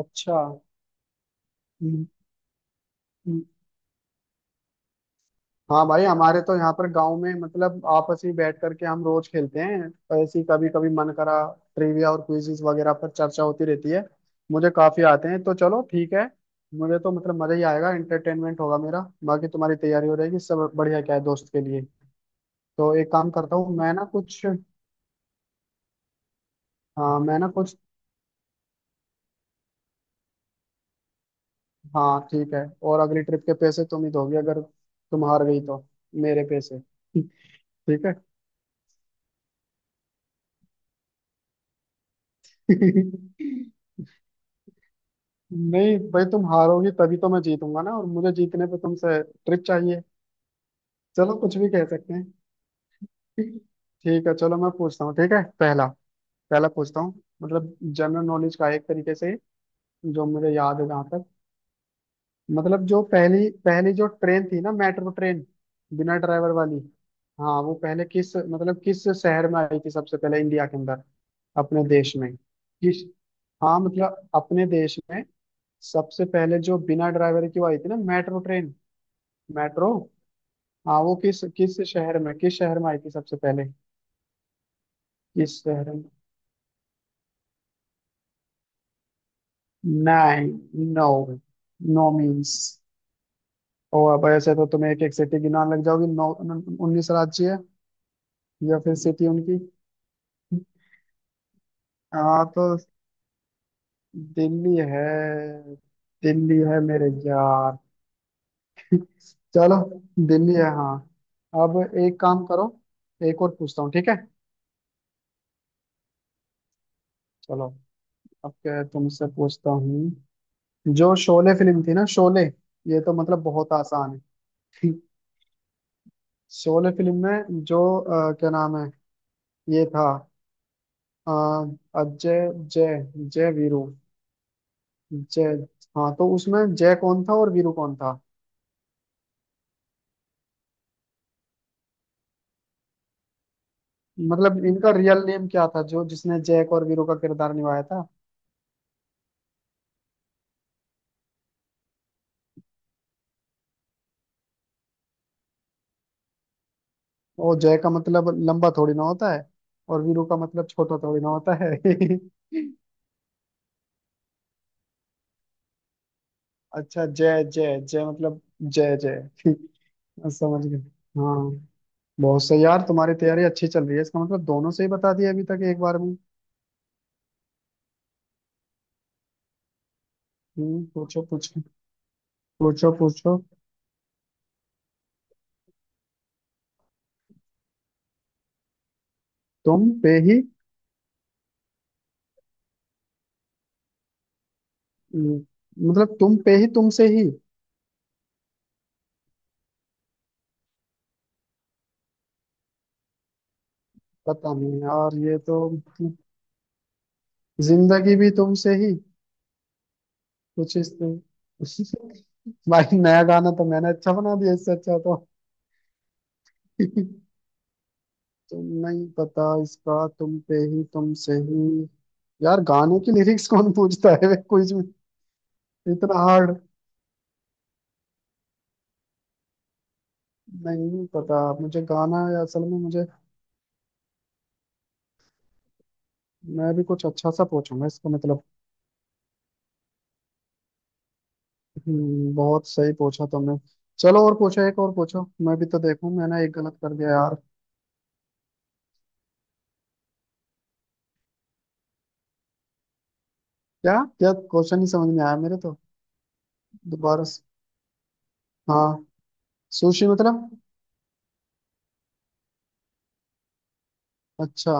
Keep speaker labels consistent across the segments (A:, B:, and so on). A: अच्छा। हम्म, हम्म। हाँ भाई, हमारे तो यहाँ पर गांव में मतलब आपस में बैठ करके हम रोज खेलते हैं। ऐसी कभी कभी मन करा, ट्रिविया और क्विजीज वगैरह पर चर्चा होती रहती है। मुझे काफी आते हैं, तो चलो ठीक है। मुझे तो मतलब मजा ही आएगा, एंटरटेनमेंट होगा मेरा, बाकी तुम्हारी तैयारी हो रहेगी। सब बढ़िया क्या है दोस्त के लिए। तो एक काम करता हूँ, मैं ना कुछ। हाँ, मैं ना कुछ। हाँ, ठीक है। और अगली ट्रिप के पैसे तुम ही दोगे अगर तुम हार गई तो। मेरे पैसे। ठीक है। नहीं भाई, तुम हारोगी तभी तो मैं जीतूंगा ना, और मुझे जीतने पे तुमसे ट्रिक चाहिए। चलो, कुछ भी कह सकते हैं। ठीक है, चलो मैं पूछता हूँ। ठीक है, पहला। पहला पूछता हूँ। मतलब जनरल नॉलेज का एक तरीके से, जो मुझे याद है जहाँ तक। मतलब जो पहली पहली जो ट्रेन थी ना, मेट्रो ट्रेन, बिना ड्राइवर वाली। हाँ, वो पहले किस मतलब किस शहर में आई थी सबसे पहले इंडिया के अंदर? अपने देश में किस? हाँ मतलब अपने देश में सबसे पहले जो बिना ड्राइवर की वो आई थी ना, मेट्रो ट्रेन, मेट्रो। हाँ, वो किस किस शहर में, किस शहर में आई थी सबसे पहले? किस शहर में? नाइन। नो। नो मीन्स, ओ अब ऐसे तो तुम्हें एक एक सिटी गिनान लग जाओगी। नौ उन्नीस राज्य है, या फिर सिटी उनकी। हाँ तो दिल्ली है। दिल्ली है मेरे यार। चलो, दिल्ली है हाँ। अब एक काम करो, एक और पूछता हूँ ठीक है? चलो। अब क्या तुमसे पूछता हूँ। जो शोले फिल्म थी ना, शोले, ये तो मतलब बहुत आसान है। शोले फिल्म में जो क्या नाम है ये था अ, अजय, जय जय वीरू, जय। हाँ, तो उसमें जय कौन था और वीरू कौन था? मतलब इनका रियल नेम क्या था जो जिसने जय और वीरू का किरदार निभाया था? वो जय का मतलब लंबा थोड़ी ना होता है, और वीरू का मतलब छोटा थोड़ी ना होता है। अच्छा जय जय जय, मतलब जय जय। समझ गए? हाँ। बहुत सही यार, तुम्हारी तैयारी अच्छी चल रही है। इसका मतलब दोनों से ही बता दिया अभी तक एक बार में। हम्म, पूछो पूछो। पूछो पूछो। तुम पे ही। हम्म, मतलब तुम पे ही, तुमसे ही। पता नहीं यार, ये तो। जिंदगी भी तुमसे ही कुछ इस। भाई, नया गाना तो मैंने अच्छा बना दिया, इससे अच्छा तो। तुम नहीं पता इसका, तुम पे ही, तुम से ही। यार, गाने की लिरिक्स कौन पूछता है? वे कुछ भी, इतना हार्ड। नहीं पता मुझे गाना, या असल में मुझे। मैं भी कुछ अच्छा सा पूछूंगा इसको, मतलब। बहुत सही पूछा तुमने। चलो और पूछो, एक और पूछो, मैं भी तो देखूं। मैंने एक गलत कर दिया यार। क्या, क्या क्वेश्चन ही समझ में आया मेरे तो। दोबारा से- हाँ। सुशी मतलब? अच्छा।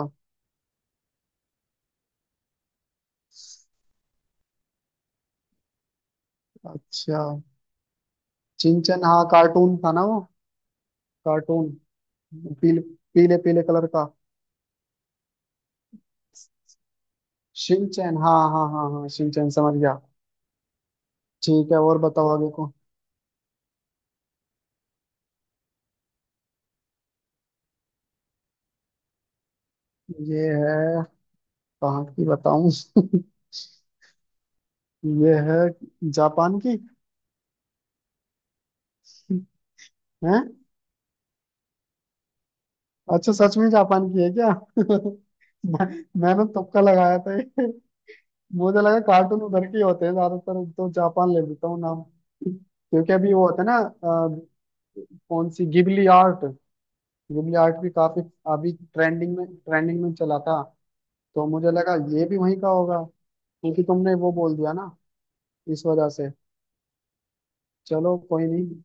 A: अच्छा, चिंचन हाँ, कार्टून था ना वो। कार्टून, पीले, पीले पीले कलर का। शिनचैन, हाँ हाँ हाँ हाँ, शिनचैन समझ गया। ठीक है, और बताओ आगे को। ये है, कहाँ की बताऊं? ये है, जापान की है। अच्छा, सच में जापान की है क्या? मैं, मैंने तुक्का लगाया था ये। मुझे लगा कार्टून उधर के ही होते हैं ज्यादातर, तो जापान ले लेता हूँ नाम। क्योंकि अभी वो होता है ना कौन सी गिबली आर्ट। गिबली आर्ट भी काफी, अभी ट्रेंडिंग में, ट्रेंडिंग में चला था। तो मुझे लगा ये भी वहीं का होगा, क्योंकि तुमने वो बोल दिया ना इस वजह से। चलो कोई नहीं।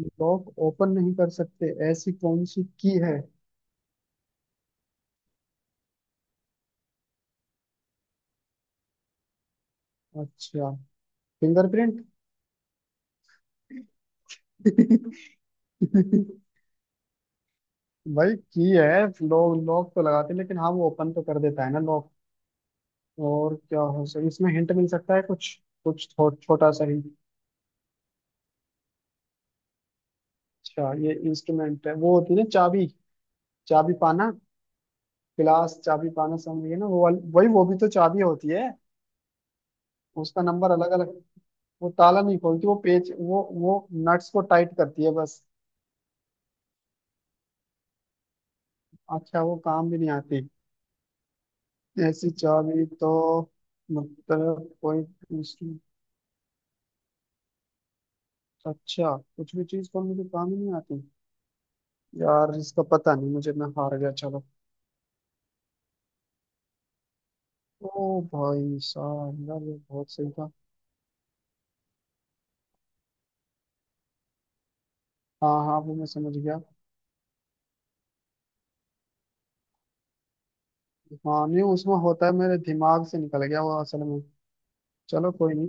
A: लॉक ओपन नहीं कर सकते, ऐसी कौन सी की है? अच्छा, फिंगरप्रिंट। भाई की है, लोग लॉक तो लगाते हैं, लेकिन हाँ वो ओपन तो कर देता है ना लॉक। और क्या हो सकता, इसमें हिंट मिल सकता है कुछ? कुछ छोटा सा हिंट। अच्छा, ये इंस्ट्रूमेंट है। वो होती है ना चाबी, चाबी पाना, गिलास चाबी पाना, समझिए ना वो वाली, वही वो भी तो चाबी होती है। उसका नंबर अलग अलग। वो ताला नहीं खोलती, वो पेच, वो नट्स को टाइट करती है बस। अच्छा, वो काम भी नहीं आती? ऐसी चाबी तो, मतलब कोई दूसरी- अच्छा, कुछ भी चीज खोलने के काम ही नहीं आती। यार इसका पता नहीं मुझे, मैं हार गया, चलो। ओ भाई साहब, यार ये बहुत सही था। हाँ हाँ, वो मैं समझ गया। हाँ नहीं, उसमें होता है, मेरे दिमाग से निकल गया वो असल में। चलो कोई नहीं।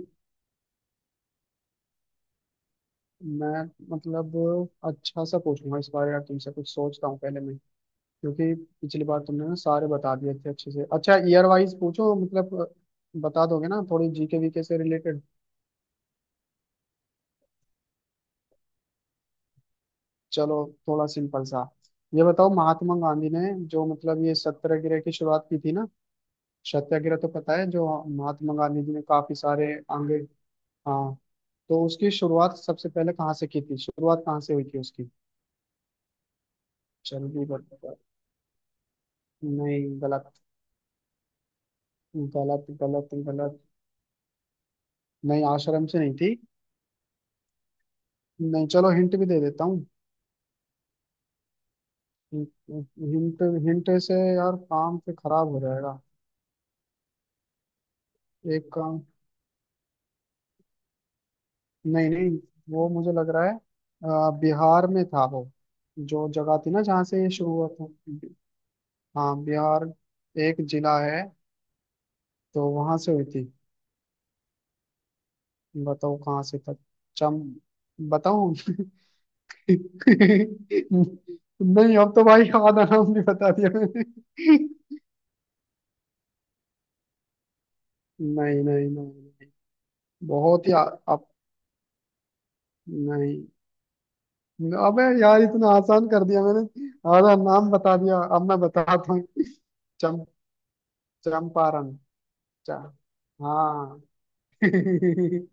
A: मैं मतलब अच्छा सा पूछूंगा इस बारे यार तुमसे, कुछ सोचता हूँ पहले मैं। क्योंकि पिछली बार तुमने ना सारे बता दिए थे अच्छे से। अच्छा ईयर वाइज पूछो, मतलब बता दोगे ना थोड़ी जीके वीके से रिलेटेड। चलो, थोड़ा सिंपल सा। ये बताओ, महात्मा गांधी ने जो मतलब ये सत्याग्रह की शुरुआत की थी ना, सत्याग्रह तो पता है, जो महात्मा गांधी जी ने काफी सारे आंगे। हाँ, तो उसकी शुरुआत सबसे पहले कहाँ से की थी? शुरुआत कहाँ से हुई थी उसकी? जल्दी बताओ। नहीं, गलत गलत गलत गलत। नहीं, आश्रम से नहीं थी। नहीं, चलो हिंट भी दे देता हूँ। हिंट हिंट से यार काम पे खराब हो जाएगा। एक काम। नहीं नहीं, वो मुझे लग रहा है बिहार में था वो, जो जगह थी ना जहाँ से ये शुरू हुआ था। हाँ, बिहार एक जिला है, तो वहां से हुई थी। बताओ कहाँ से था? चम, बताऊं? नहीं, अब तो भाई आधा नाम भी बता दिया मैंने। नहीं नहीं नहीं नहीं, बहुत ही आ- अब नहीं। अबे यार, इतना आसान कर दिया मैंने, आधा नाम बता दिया। अब मैं बताता हूँ। चम चंपारण, चा, हाँ। भाई,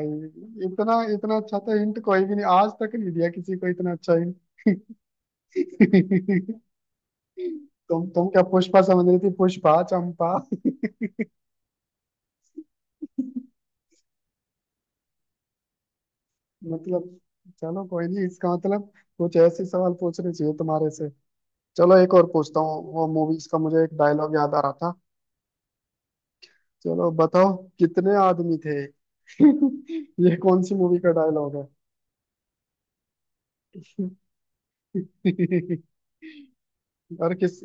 A: इतना इतना अच्छा तो हिंट कोई भी नहीं आज तक नहीं दिया किसी को, इतना अच्छा हिंट। तुम क्या पुष्पा समझ रही थी, पुष्पा चंपा। मतलब चलो कोई नहीं, इसका मतलब कुछ ऐसे सवाल पूछने चाहिए तुम्हारे से। चलो एक और पूछता हूँ, वो मूवीज का, मुझे एक डायलॉग याद आ रहा था। चलो बताओ, कितने आदमी थे? ये कौन सी मूवी का डायलॉग है? और किस।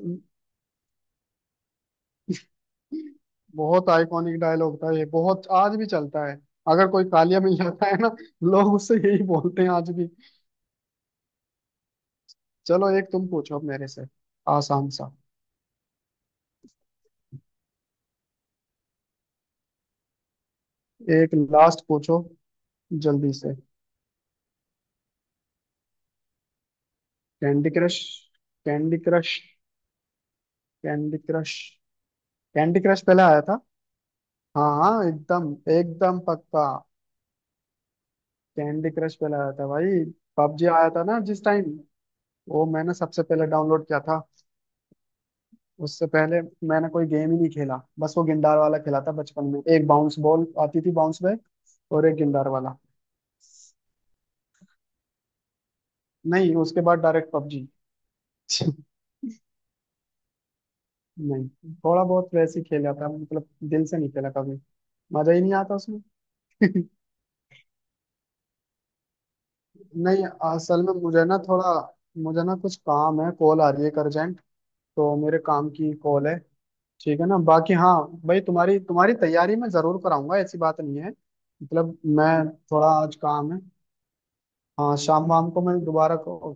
A: बहुत आइकॉनिक डायलॉग था ये, बहुत आज भी चलता है। अगर कोई कालिया मिल जाता है ना, लोग उससे यही बोलते हैं आज भी। चलो एक तुम पूछो अब मेरे से, आसान सा, एक लास्ट पूछो जल्दी से। Candy Crush. Candy Crush. Candy Crush. Candy Crush पहले आया था। हाँ हाँ, एकदम एकदम पक्का। कैंडी क्रश पहले आया था भाई। पबजी आया था ना जिस टाइम, वो मैंने सबसे पहले डाउनलोड किया था। उससे पहले मैंने कोई गेम ही नहीं खेला, बस वो गिंडार वाला खेला था बचपन में, एक बाउंस बॉल आती थी बाउंस बैक, और एक गिंडार वाला। नहीं, उसके बाद डायरेक्ट पबजी। नहीं, थोड़ा बहुत वैसे ही खेला था, मतलब दिल से नहीं खेला कभी, मजा ही नहीं आता उसमें। नहीं, असल में मुझे ना थोड़ा, मुझे ना कुछ काम है, कॉल आ रही है अर्जेंट, तो मेरे काम की कॉल है। ठीक है ना? बाकी हाँ, भाई तुम्हारी तुम्हारी तैयारी मैं जरूर कराऊंगा, ऐसी बात नहीं है। मतलब मैं थोड़ा आज काम है। हाँ, शाम वाम को मैं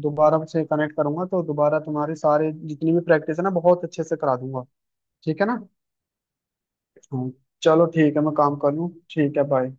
A: दोबारा से कनेक्ट करूंगा, तो दोबारा तुम्हारी सारे जितनी भी प्रैक्टिस है ना बहुत अच्छे से करा दूंगा, ठीक है ना? हाँ। चलो ठीक है, मैं काम कर लूँ, ठीक है बाय।